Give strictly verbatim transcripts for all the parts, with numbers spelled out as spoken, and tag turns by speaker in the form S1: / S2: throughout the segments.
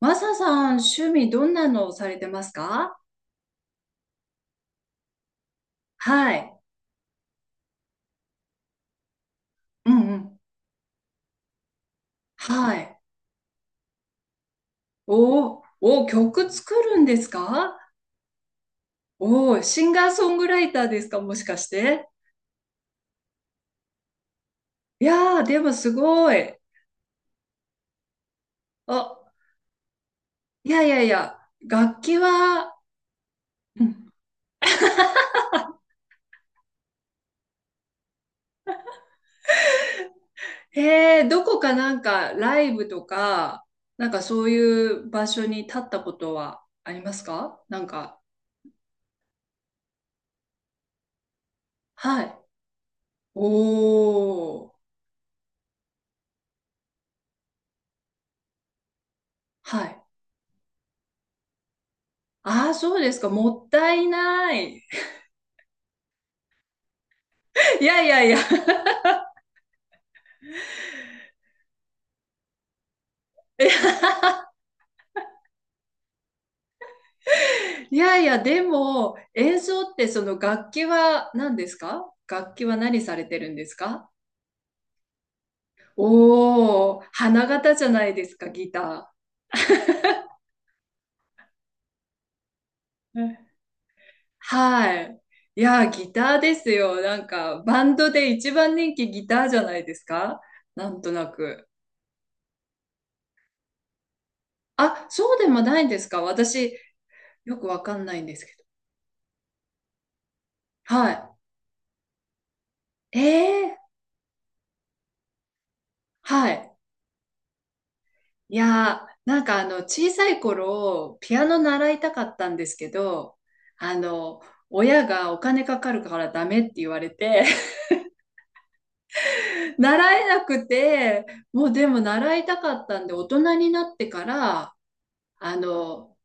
S1: マサさん、趣味どんなのをされてますか？はい。うんうん。はい。おーおー、曲作るんですか？おー、シンガーソングライターですか？もしかして。いやー、でもすごい。あ、いやいやいや、楽器は、うん。えー、どこかなんかライブとか、なんかそういう場所に立ったことはありますか？なんか、はい。おー、はい。ああ、そうですか。もったいない。いやいやいや。いやいや、でも、演奏ってその楽器は何ですか？楽器は何されてるんですか？おおー、花形じゃないですか、ギター。うん。はい。いや、ギターですよ。なんか、バンドで一番人気ギターじゃないですか？なんとなく。あ、そうでもないんですか？私、よくわかんないんですけど。はい。えー、はい。いやー、なんかあの、小さい頃、ピアノ習いたかったんですけど、あの、親がお金かかるからダメって言われて、習えなくて、もうでも習いたかったんで、大人になってから、あの、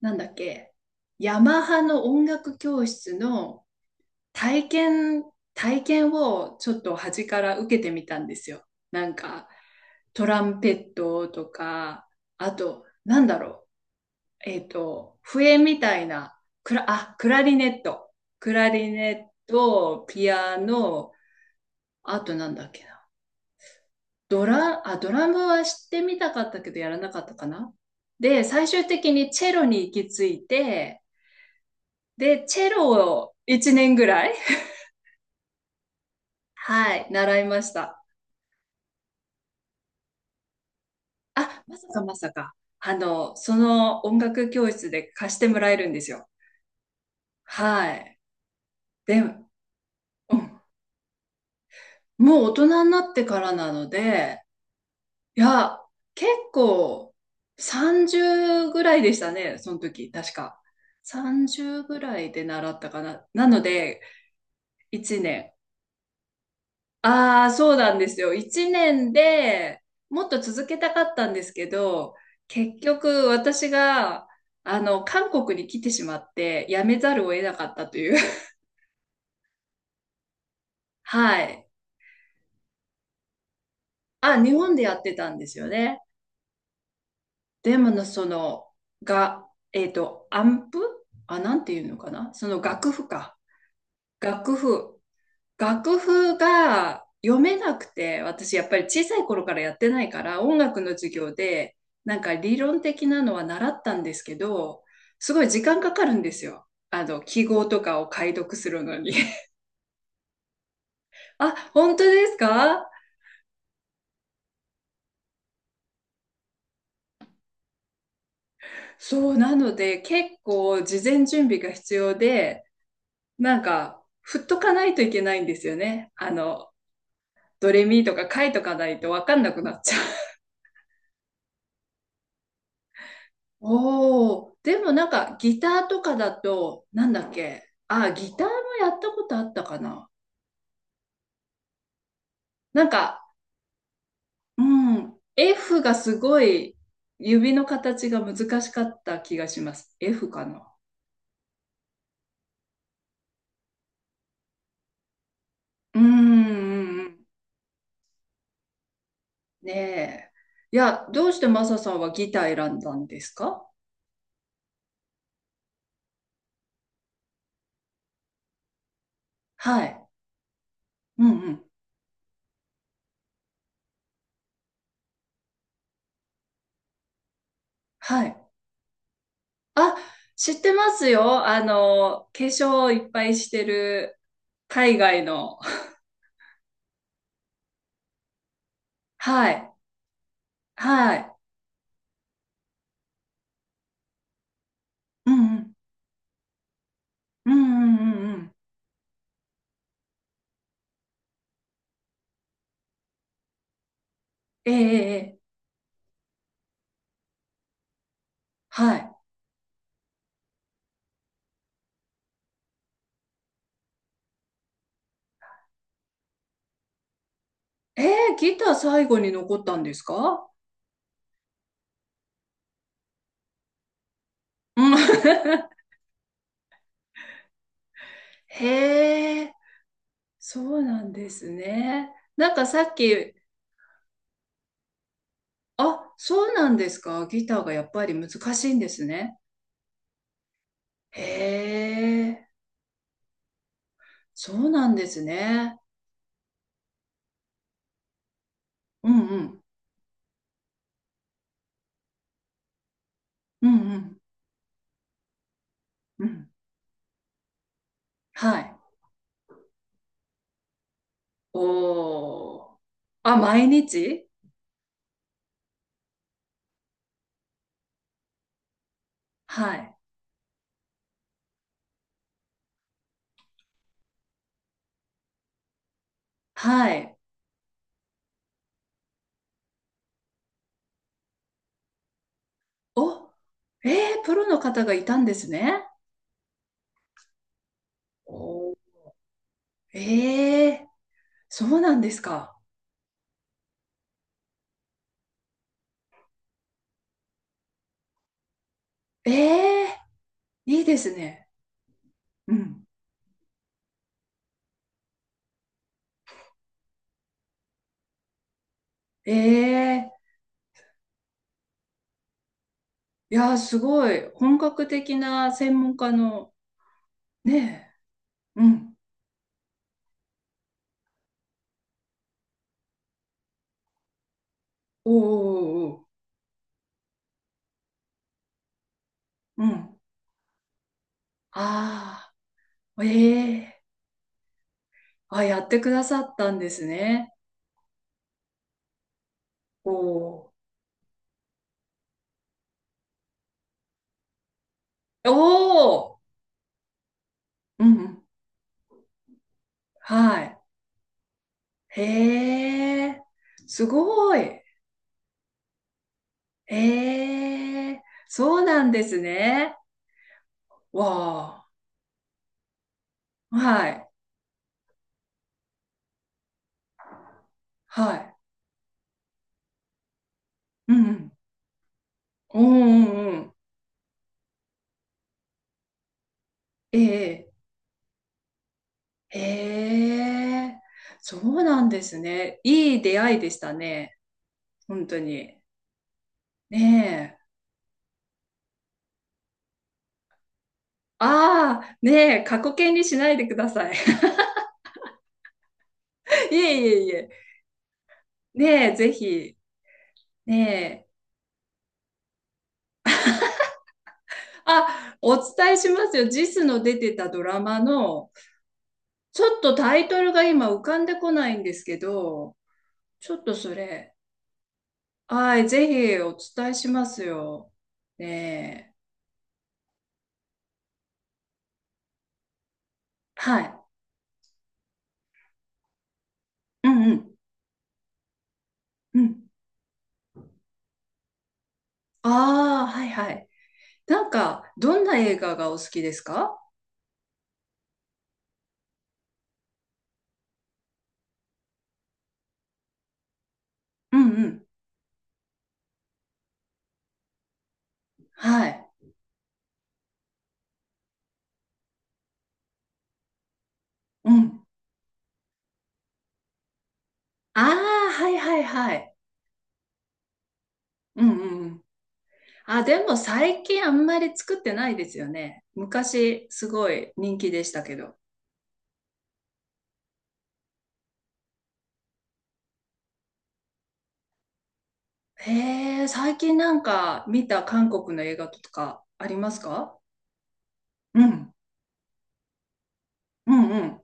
S1: なんだっけ、ヤマハの音楽教室の体験、体験をちょっと端から受けてみたんですよ。なんか、トランペットとか、あと、なんだろう。えっ、と、笛みたいな、クラ、あ、クラリネット。クラリネット、ピアノ、あとなんだっけな。ドラ、あ、ドラムは知ってみたかったけどやらなかったかな。で、最終的にチェロに行き着いて、で、チェロをいちねんぐらい、はい、習いました。あ、まさかまさか。あの、その音楽教室で貸してもらえるんですよ。はい。で、うん、もう大人になってからなので、いや、結構さんじゅうぐらいでしたね、その時、確か。さんじゅうぐらいで習ったかな。なので、いちねん。ああ、そうなんですよ。いちねんでもっと続けたかったんですけど、結局私が、あの、韓国に来てしまって、辞めざるを得なかったという。はい。あ、日本でやってたんですよね。でもの、その、が、えっと、アンプ、あ、なんていうのかな、その楽譜か。楽譜。楽譜が読めなくて、私やっぱり小さい頃からやってないから、音楽の授業で、なんか理論的なのは習ったんですけど、すごい時間かかるんですよ。あの、記号とかを解読するのに。あ、本当ですか？そう、なので結構事前準備が必要で、なんか、振っとかないといけないんですよね。あの、ドレミとか書いとかないとわかんなくなっちゃう。おお、でもなんかギターとかだと、なんだっけ、あ、ギターもやったことあったかな？なんか、うん、F がすごい指の形が難しかった気がします。F かな？うん、うんうん、ねえ。いや、どうしてマサさんはギター選んだんですか？はい。うんうん。はい。あ、知ってますよ。あの、化粧をいっぱいしてる海外の。はい。はい。うんうん。うんうんうんうん。ええええ。はい。ええ、ギター最後に残ったんですか？うん。へえ、そうなんですね。なんかさっき、あ、そうなんですか。ギターがやっぱり難しいんですね。へえ、そうなんですね。うんうん。うんうんうん。はい。おー。あ、毎日。はい。はい。お、えー、プロの方がいたんですね。お、ええ、そうなんですか。ええ、いいですね。うん。ええ、いやー、すごい。本格的な専門家の、ねえ、うん。おーおーおー。うん。ああ、ええ、あ、やってくださったんですね。おー。おー、うんうん。はい。へえ、すごい。ええ、そうなんですね。わあ、はい、はい。うんうんうんうんうん。ええ、ええ、そうなんですね。いい出会いでしたね。本当に。ねえ。ああ、ねえ、過去形にしないでください。いえいえいえ。ねえ、ぜひ。ねえ。あ、お伝えしますよ。ジス の出てたドラマの、ちょっとタイトルが今浮かんでこないんですけど、ちょっとそれ、はい、ぜひお伝えしますよ。ねえ。はい。うんうん。うん。ああ、はいはい。なんか、どんな映画がお好きですか？うんうん。はい。うん。ああ、はいはいはい。うんうんうん。あ、でも最近あんまり作ってないですよね。昔すごい人気でしたけど。へえ、最近なんか見た韓国の映画とかありますか？うん。うんうん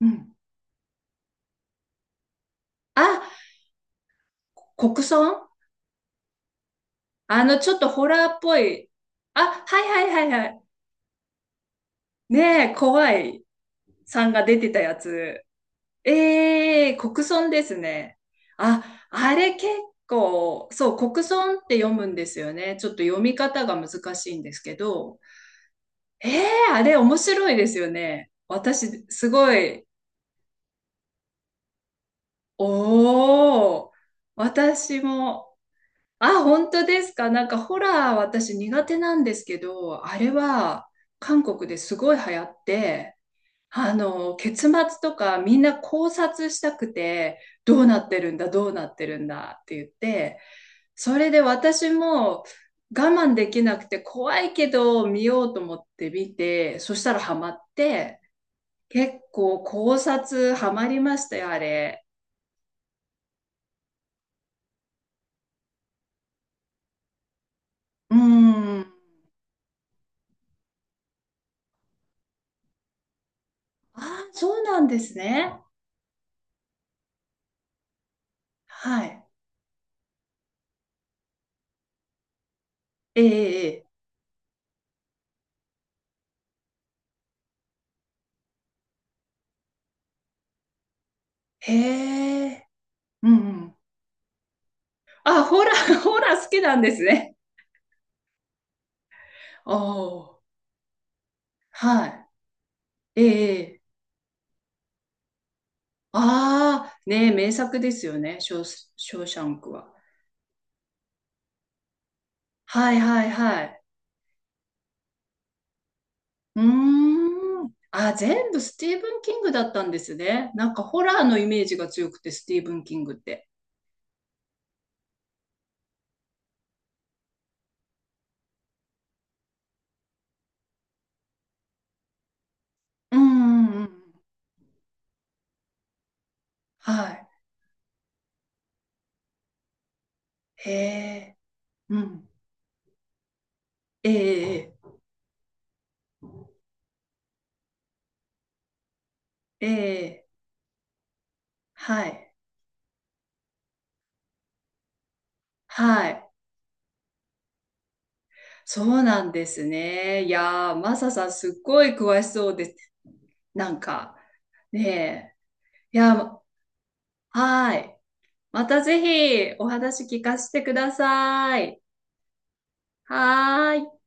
S1: うん。あ、国村、あの、ちょっとホラーっぽい。あ、はいはいはいはい。ねえ、怖いさんが出てたやつ。ええ、国村ですね。あ、あれ結構、そう、国村って読むんですよね。ちょっと読み方が難しいんですけど。ええ。あれ面白いですよね。私、すごい、おー、私も、あ、本当ですか。なんかホラー私苦手なんですけど、あれは韓国ですごい流行って、あの、結末とかみんな考察したくて、どうなってるんだ、どうなってるんだって言って、それで私も我慢できなくて怖いけど見ようと思って見て、そしたらハマって、結構考察ハマりましたよ、あれ。うーん。ああ、そうなんですね。はい。ええ、ええ。へえ。うんうん。あ、ホラー、ホラー好きなんですね。おお、はい。ええ。ああ、ねえ、名作ですよね、ショー、ショーシャンクは。はいはいはい。うーん。あ、全部スティーブン・キングだったんですね。なんかホラーのイメージが強くて、スティーブン・キングって。うんうんうん。はい。へえ。うん。ええ、ええ、ええ。はい。はい。そうなんですね。いやー、マサさん、すっごい詳しそうです。なんか、ねえ。いや、はい。またぜひお話聞かせてください。はーい。